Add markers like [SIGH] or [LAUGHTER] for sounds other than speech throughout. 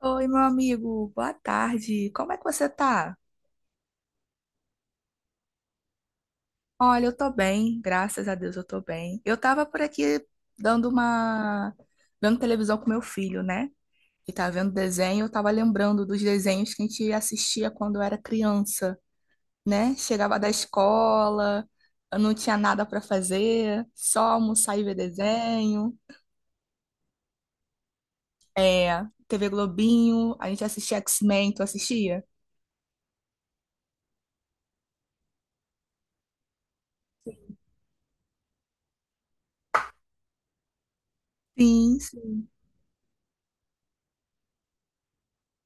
Oi, meu amigo, boa tarde. Como é que você tá? Olha, eu tô bem, graças a Deus eu tô bem. Eu tava por aqui dando uma... vendo televisão com meu filho, né? E tá vendo desenho, eu tava lembrando dos desenhos que a gente assistia quando eu era criança, né? Chegava da escola, eu não tinha nada pra fazer, só almoçar e ver desenho. É, TV Globinho, a gente assistia X-Men, tu assistia? Sim.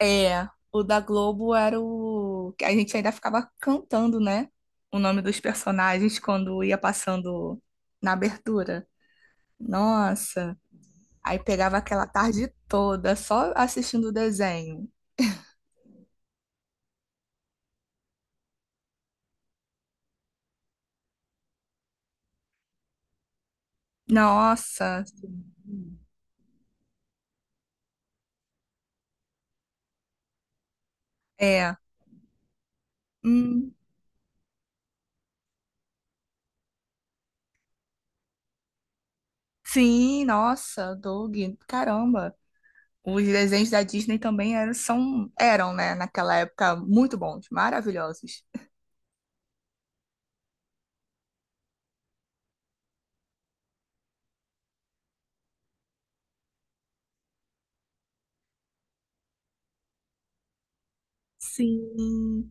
É, o da Globo era o que a gente ainda ficava cantando, né? O nome dos personagens quando ia passando na abertura. Nossa, aí pegava aquela tarde toda só assistindo o desenho. Nossa, é. Hum, sim, nossa, Doug, caramba. Os desenhos da Disney também eram, são, eram, né, naquela época, muito bons, maravilhosos. Sim.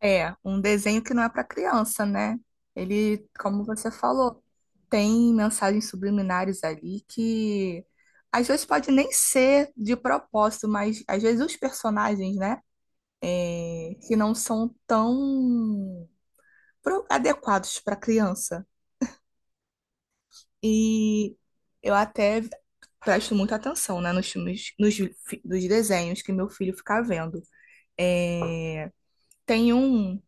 É, um desenho que não é para criança, né? Ele, como você falou, tem mensagens subliminares ali que às vezes pode nem ser de propósito, mas às vezes os personagens, né, é, que não são tão adequados para criança. E eu até presto muita atenção, né, nos filmes, dos desenhos que meu filho fica vendo. É, tem um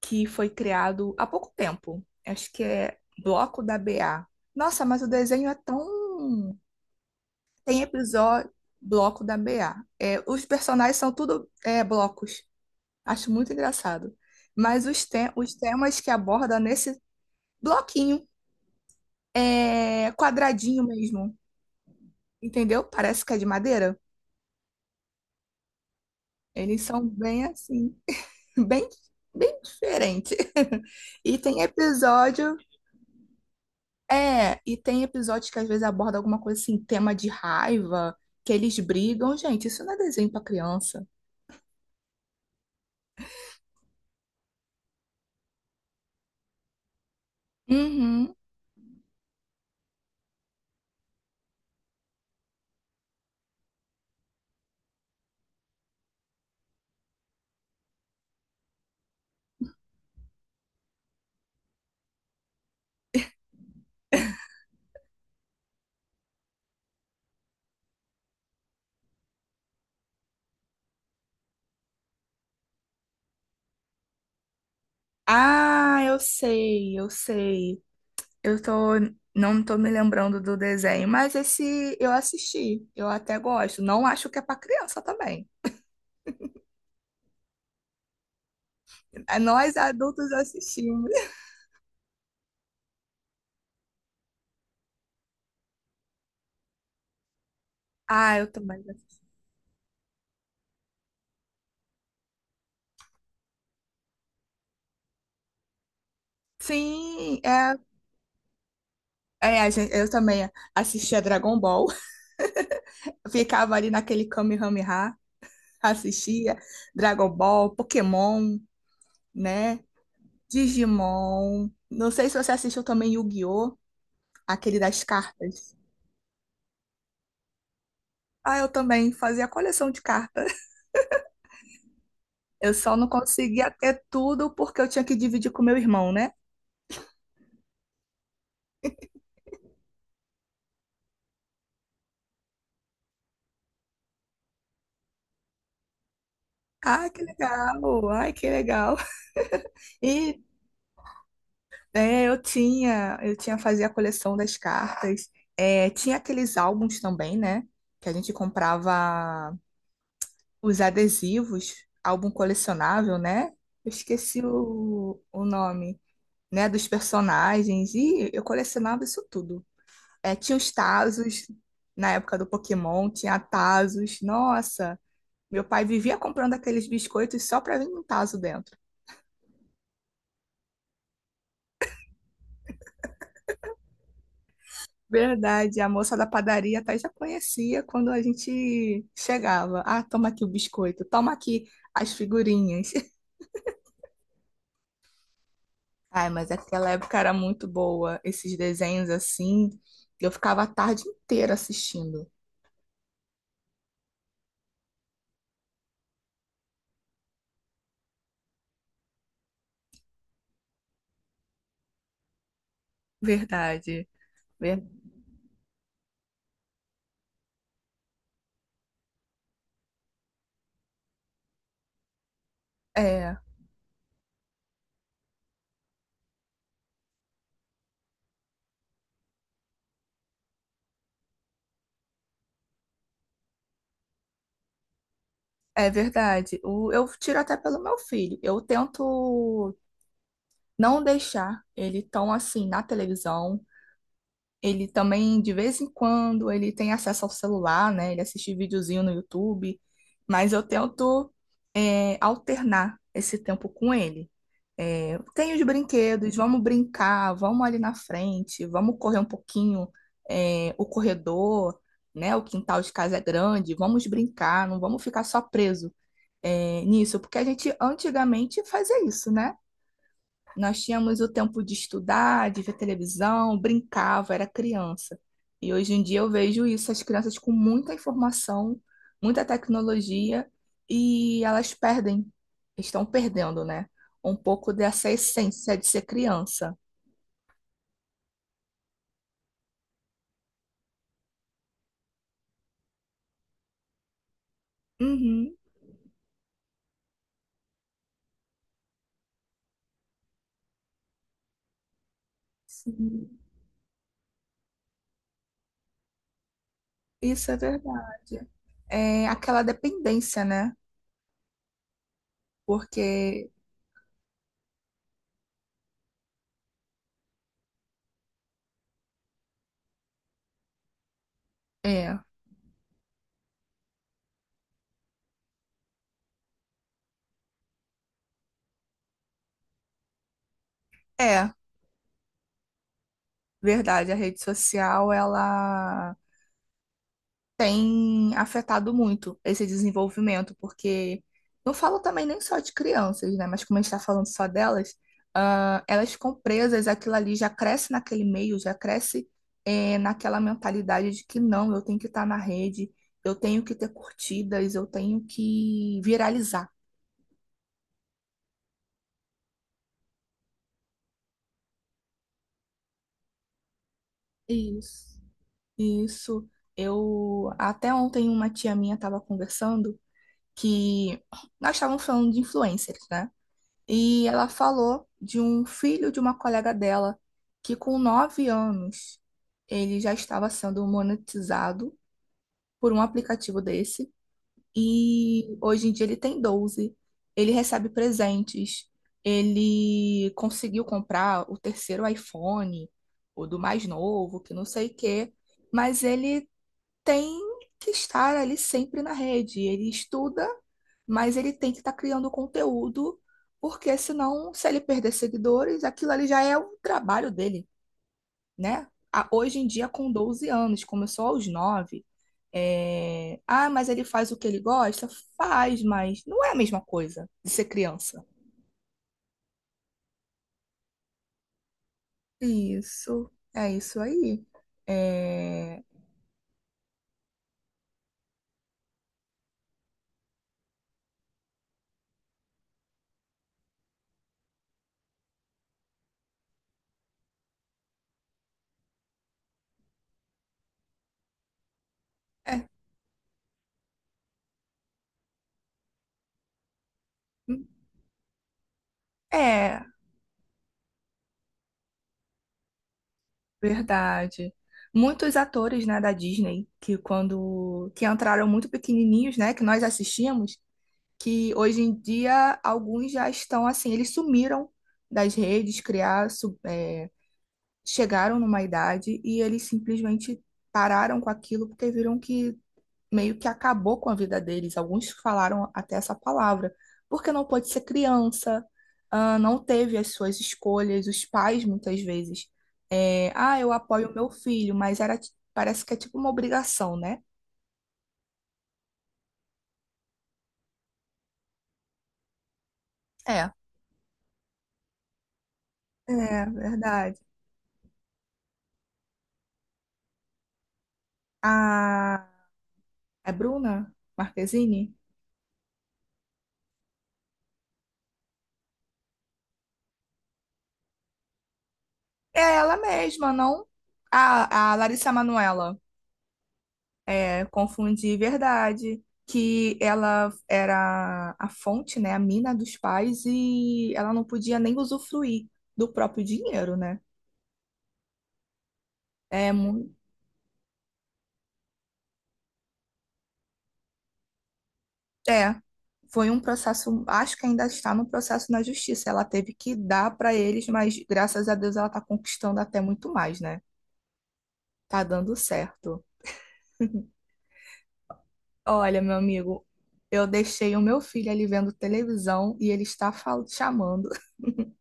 que foi criado há pouco tempo. Acho que é Bloco da BA. Nossa, mas o desenho é tão. Tem episódio Bloco da BA. É, os personagens são tudo é, blocos. Acho muito engraçado. Mas os temas que aborda nesse bloquinho é quadradinho mesmo. Entendeu? Parece que é de madeira. Eles são bem assim, [LAUGHS] bem, bem diferente. [LAUGHS] E tem episódio É, e tem episódios que às vezes aborda alguma coisa assim, tema de raiva, que eles brigam. Gente, isso não é desenho pra criança. Uhum. Ah, eu sei, eu sei. Eu tô, não tô me lembrando do desenho, mas esse eu assisti. Eu até gosto. Não acho que é pra criança também. É, nós adultos assistimos. [LAUGHS] Ah, eu também assisti. Sim, é, é, eu também assisti a Dragon Ball. [LAUGHS] Ficava ali naquele Kamehameha. Assistia Dragon Ball, Pokémon, né? Digimon. Não sei se você assistiu também Yu-Gi-Oh! Aquele das cartas. Ah, eu também fazia coleção de cartas. Eu só não conseguia ter tudo porque eu tinha que dividir com meu irmão, né? Ah, que legal! Ai, que legal! [LAUGHS] E é, eu tinha Fazia a coleção das cartas. É, tinha aqueles álbuns também, né? Que a gente comprava os adesivos, álbum colecionável, né? Eu esqueci o nome, né? Dos personagens. E eu colecionava isso tudo. É, tinha os Tazos, na época do Pokémon, tinha Tazos. Nossa, meu pai vivia comprando aqueles biscoitos só pra vir um Tazo dentro. Verdade, a moça da padaria até já conhecia quando a gente chegava. Ah, toma aqui o biscoito, toma aqui as figurinhas. [LAUGHS] Ai, mas aquela época era muito boa. Esses desenhos assim, eu ficava a tarde inteira assistindo. Verdade. Ver- É, é verdade. Eu tiro até pelo meu filho. Eu tento não deixar ele tão assim na televisão. Ele também, de vez em quando, ele tem acesso ao celular, né? Ele assiste videozinho no YouTube. Mas eu tento, alternar esse tempo com ele. É, tem os brinquedos, vamos brincar, vamos ali na frente, vamos correr um pouquinho, o corredor, né? O quintal de casa é grande, vamos brincar, não vamos ficar só preso, nisso, porque a gente antigamente fazia isso, né? Nós tínhamos o tempo de estudar, de ver televisão, brincava, era criança. E hoje em dia eu vejo isso, as crianças com muita informação, muita tecnologia, e elas perdem, estão perdendo, né? Um pouco dessa essência de ser criança. Uhum, sim, isso é verdade. É aquela dependência, né? Porque é, é verdade, a rede social, ela tem afetado muito esse desenvolvimento, porque não falo também nem só de crianças, né? Mas como a gente está falando só delas, ah, elas ficam presas, aquilo ali já cresce naquele meio, já cresce naquela mentalidade de que não, eu tenho que estar na rede, eu tenho que ter curtidas, eu tenho que viralizar. Isso. Isso, eu até ontem uma tia minha estava conversando que nós estávamos falando de influencers, né? E ela falou de um filho de uma colega dela que, com 9 anos, ele já estava sendo monetizado por um aplicativo desse. E hoje em dia ele tem 12. Ele recebe presentes. Ele conseguiu comprar o terceiro iPhone, o do mais novo, que não sei o quê. Mas ele tem que estar ali sempre na rede. Ele estuda, mas ele tem que estar criando conteúdo, porque senão, se ele perder seguidores, aquilo ali já é o trabalho dele, né? Hoje em dia, com 12 anos, começou aos 9. Ah, mas ele faz o que ele gosta? Faz, mas não é a mesma coisa de ser criança. Isso, é isso aí. É, é, é, verdade. Muitos atores, né, da Disney, que quando que entraram muito pequenininhos, né, que nós assistimos, que hoje em dia alguns já estão assim, eles sumiram das redes, criaram, chegaram numa idade e eles simplesmente pararam com aquilo porque viram que meio que acabou com a vida deles. Alguns falaram até essa palavra, porque não pôde ser criança, ah, não teve as suas escolhas, os pais muitas vezes. É, ah, eu apoio meu filho, mas parece que é tipo uma obrigação, né? É. É, verdade. A, é Bruna Marquezine? É ela mesma, não? A Larissa Manoela. É, confundir verdade, que ela era a fonte, né, a mina dos pais e ela não podia nem usufruir do próprio dinheiro, né? É, é, foi um processo, acho que ainda está no processo na justiça. Ela teve que dar para eles, mas graças a Deus ela está conquistando até muito mais, né? Tá dando certo. Olha, meu amigo, eu deixei o meu filho ali vendo televisão e ele está chamando. [LAUGHS]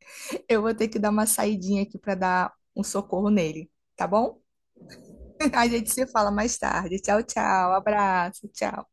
Eu vou ter que dar uma saidinha aqui para dar um socorro nele, tá bom? [LAUGHS] A gente se fala mais tarde. Tchau, tchau. Abraço, tchau.